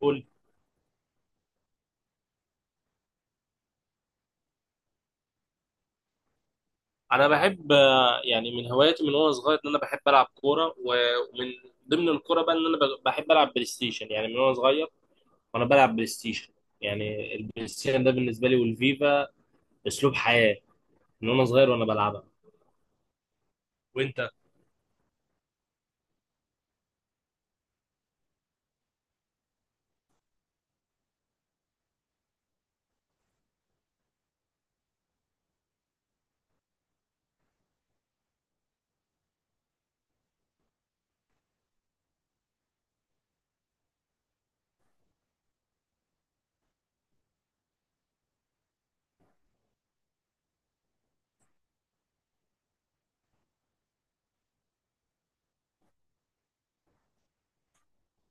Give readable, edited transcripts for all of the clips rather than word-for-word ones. قول. انا بحب يعني من هواياتي من وانا صغير ان انا بحب العب كوره ومن ضمن الكوره بقى ان انا بحب العب بلاي ستيشن يعني من وانا صغير وانا بلعب بلاي ستيشن. يعني البلاي ستيشن ده بالنسبه لي والفيفا اسلوب حياه، من وانا صغير وانا بلعبها. وانت؟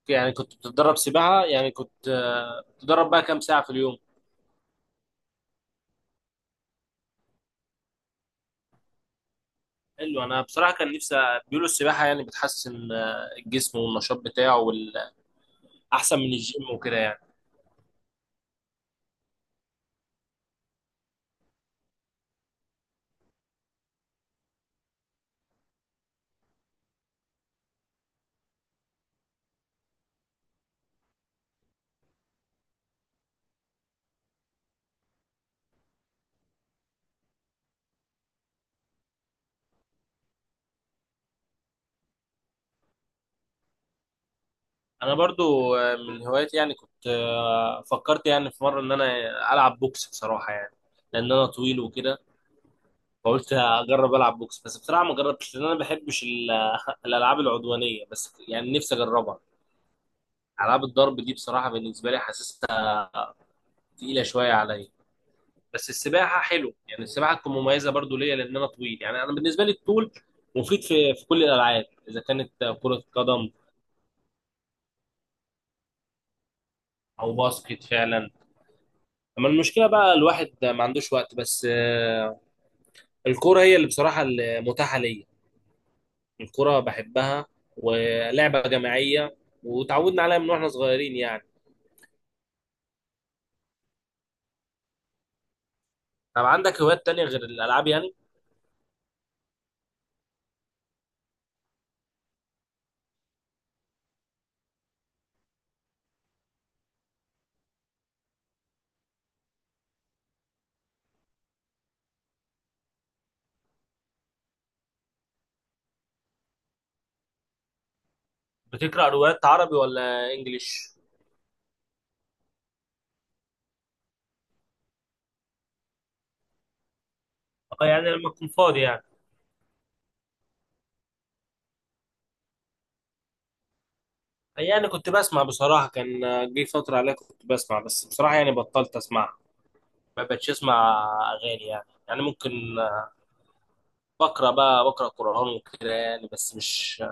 يعني كنت بتتدرب سباحه، يعني كنت بتتدرب بقى كام ساعه في اليوم؟ حلو. انا بصراحه كان نفسي، بيقولوا السباحه يعني بتحسن الجسم والنشاط بتاعه احسن من الجيم وكده يعني. انا برضو من هواياتي، يعني كنت فكرت يعني في مره ان انا العب بوكس بصراحه يعني، لان انا طويل وكده، فقلت اجرب العب بوكس. بس بصراحه ما جربتش لان انا ما بحبش الالعاب العدوانيه، بس يعني نفسي اجربها. العاب الضرب دي بصراحه بالنسبه لي حاسسها تقيله شويه عليا. بس السباحه حلو، يعني السباحه تكون مميزه برضو ليا لان انا طويل، يعني انا بالنسبه لي الطول مفيد في كل الالعاب اذا كانت كره قدم او باسكت فعلا. اما المشكله بقى الواحد ما عندوش وقت، بس الكورة هي اللي بصراحة المتاحة ليا. الكورة بحبها ولعبة جماعية، وتعودنا عليها من واحنا صغيرين يعني. طب عندك هوايات تانية غير الألعاب يعني؟ بتقرأ روايات عربي ولا إنجليش؟ اه، يعني لما تكون فاضي يعني. يعني كنت بسمع بصراحة، كان جه فترة عليها كنت بسمع، بس بصراحة يعني بطلت أسمع، ما بقتش أسمع أغاني يعني ممكن بقرأ بقى، بقرأ قرآن وكده يعني، بس مش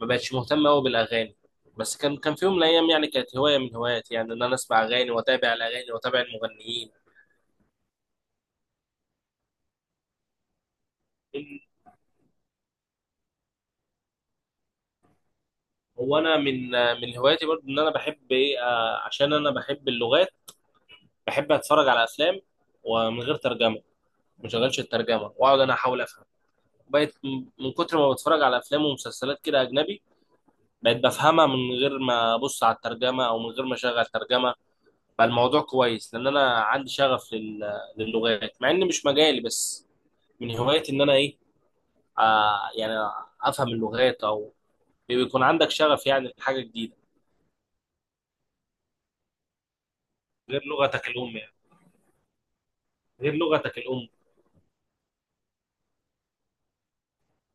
ما بقتش مهتم قوي بالاغاني. بس كان في يوم من الايام يعني كانت هوايه من هواياتي يعني ان انا اسمع اغاني واتابع الاغاني واتابع المغنيين. هو انا من هواياتي برضو ان انا بحب ايه عشان انا بحب اللغات. بحب اتفرج على افلام ومن غير ترجمه، ما شغلش الترجمه واقعد انا احاول افهم. بقيت من كتر ما بتفرج على افلام ومسلسلات كده اجنبي، بقيت بفهمها من غير ما ابص على الترجمه او من غير ما اشغل ترجمه. بقى الموضوع كويس لان انا عندي شغف للغات، مع ان مش مجالي، بس من هوايتي ان انا ايه، آه يعني افهم اللغات. او بيكون عندك شغف يعني لحاجه جديده غير لغتك الام يعني. غير لغتك الام.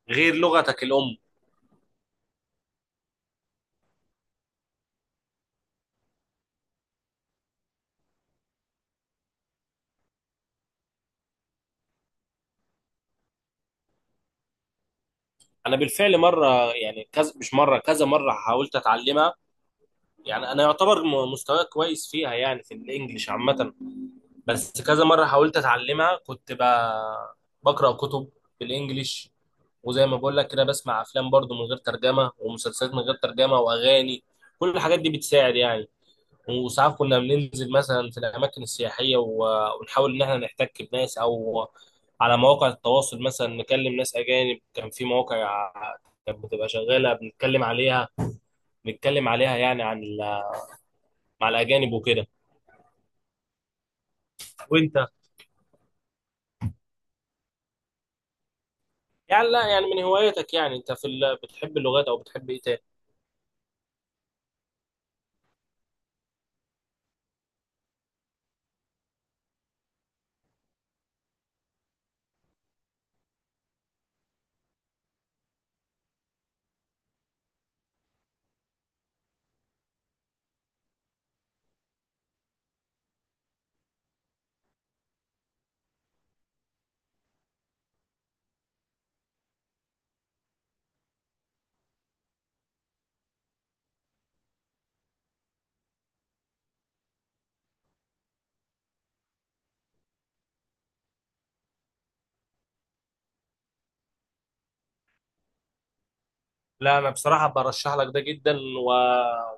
غير لغتك الام. انا بالفعل مره، يعني كذا مش مره، كذا مره حاولت اتعلمها. يعني انا يعتبر مستواي كويس فيها، يعني في الانجليش عامه. بس كذا مره حاولت اتعلمها، كنت بقرا كتب بالانجليش، وزي ما بقول لك كده بسمع افلام برضو من غير ترجمه، ومسلسلات من غير ترجمه، واغاني، كل الحاجات دي بتساعد يعني. وساعات كنا بننزل مثلا في الأماكن السياحية، ونحاول إن إحنا نحتك بناس، أو على مواقع التواصل مثلا نكلم ناس أجانب. كان في مواقع كانت بتبقى شغالة بنتكلم عليها، بنتكلم عليها يعني عن مع الأجانب وكده. وأنت؟ يعني لا، يعني من هواياتك يعني أنت في بتحب اللغات أو بتحب إيه تاني؟ لا أنا بصراحة برشح لك ده جدا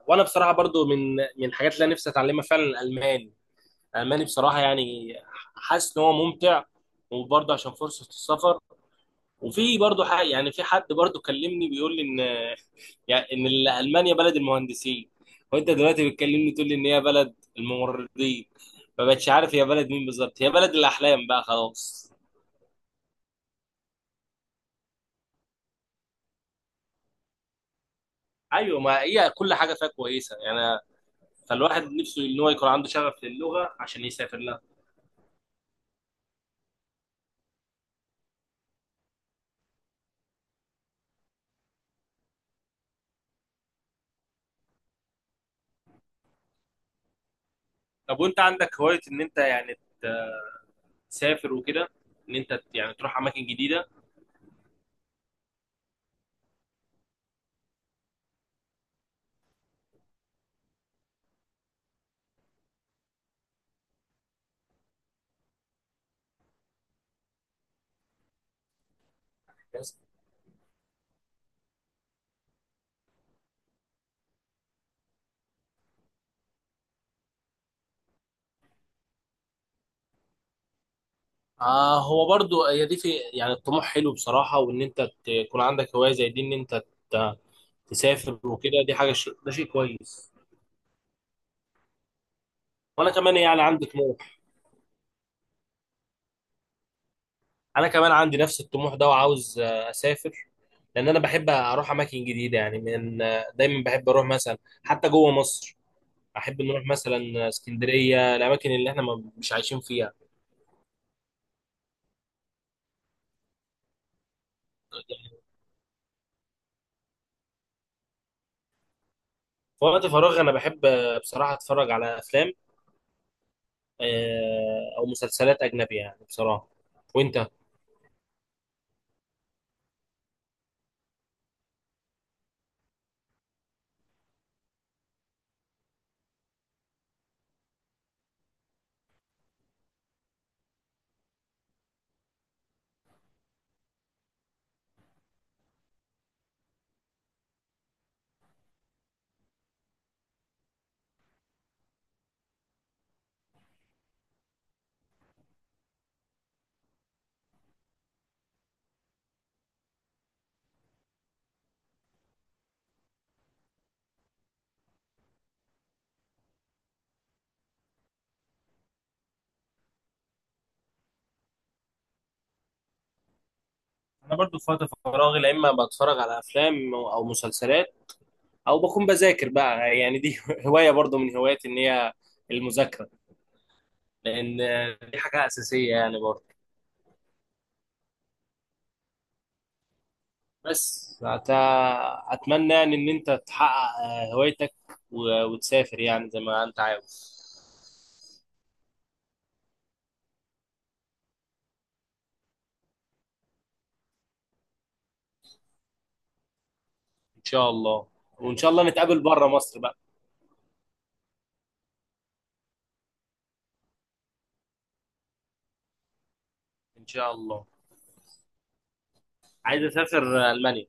وأنا بصراحة برضو من الحاجات اللي أنا نفسي أتعلمها فعلا الألماني. ألماني بصراحة يعني حاسس إن هو ممتع، وبرضه عشان فرصة السفر. وفي برضه حق يعني، في حد برضه كلمني بيقول لي إن، يعني إن ألمانيا بلد المهندسين، وأنت دلوقتي بتكلمني تقول لي إن هي بلد الممرضين. ما بقتش عارف هي بلد مين بالظبط، هي بلد الأحلام بقى خلاص. أيوه، ما هي كل حاجة فيها كويسة يعني. فالواحد نفسه إن هو يكون عنده شغف للغة عشان يسافر لها. طب وأنت عندك هواية إن أنت يعني تسافر وكده، إن أنت يعني تروح أماكن جديدة. آه، هو برضو هي دي، في يعني الطموح حلو بصراحة، وإن أنت تكون عندك هواية زي دي، إن أنت ت- تسافر وكده، ده شيء كويس. وأنا كمان يعني عندي طموح، أنا كمان عندي نفس الطموح ده وعاوز أسافر، لأن أنا بحب أروح أماكن جديدة يعني، من دايما بحب أروح مثلا حتى جوه مصر. أحب نروح مثلا اسكندرية، الأماكن اللي إحنا مش عايشين فيها. في وقت فراغي أنا بحب بصراحة أتفرج على أفلام، أو مسلسلات أجنبية يعني بصراحة. وأنت؟ انا برضو في وقت فراغي لا اما بتفرج على افلام او مسلسلات، او بكون بذاكر بقى، يعني دي هوايه برضو من هواياتي، ان هي المذاكره، لان دي حاجه اساسيه يعني برضو. بس اتمنى يعني ان انت تحقق هوايتك وتسافر يعني زي ما انت عاوز. ان شاء الله، وان شاء الله نتقابل بره مصر بقى. ان شاء الله. عايز اسافر المانيا.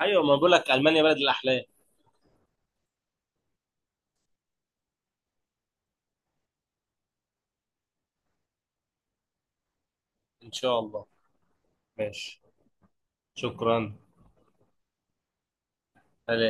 ايوه، ما بقول لك المانيا بلد الاحلام. ان شاء الله. ماشي. شكرا.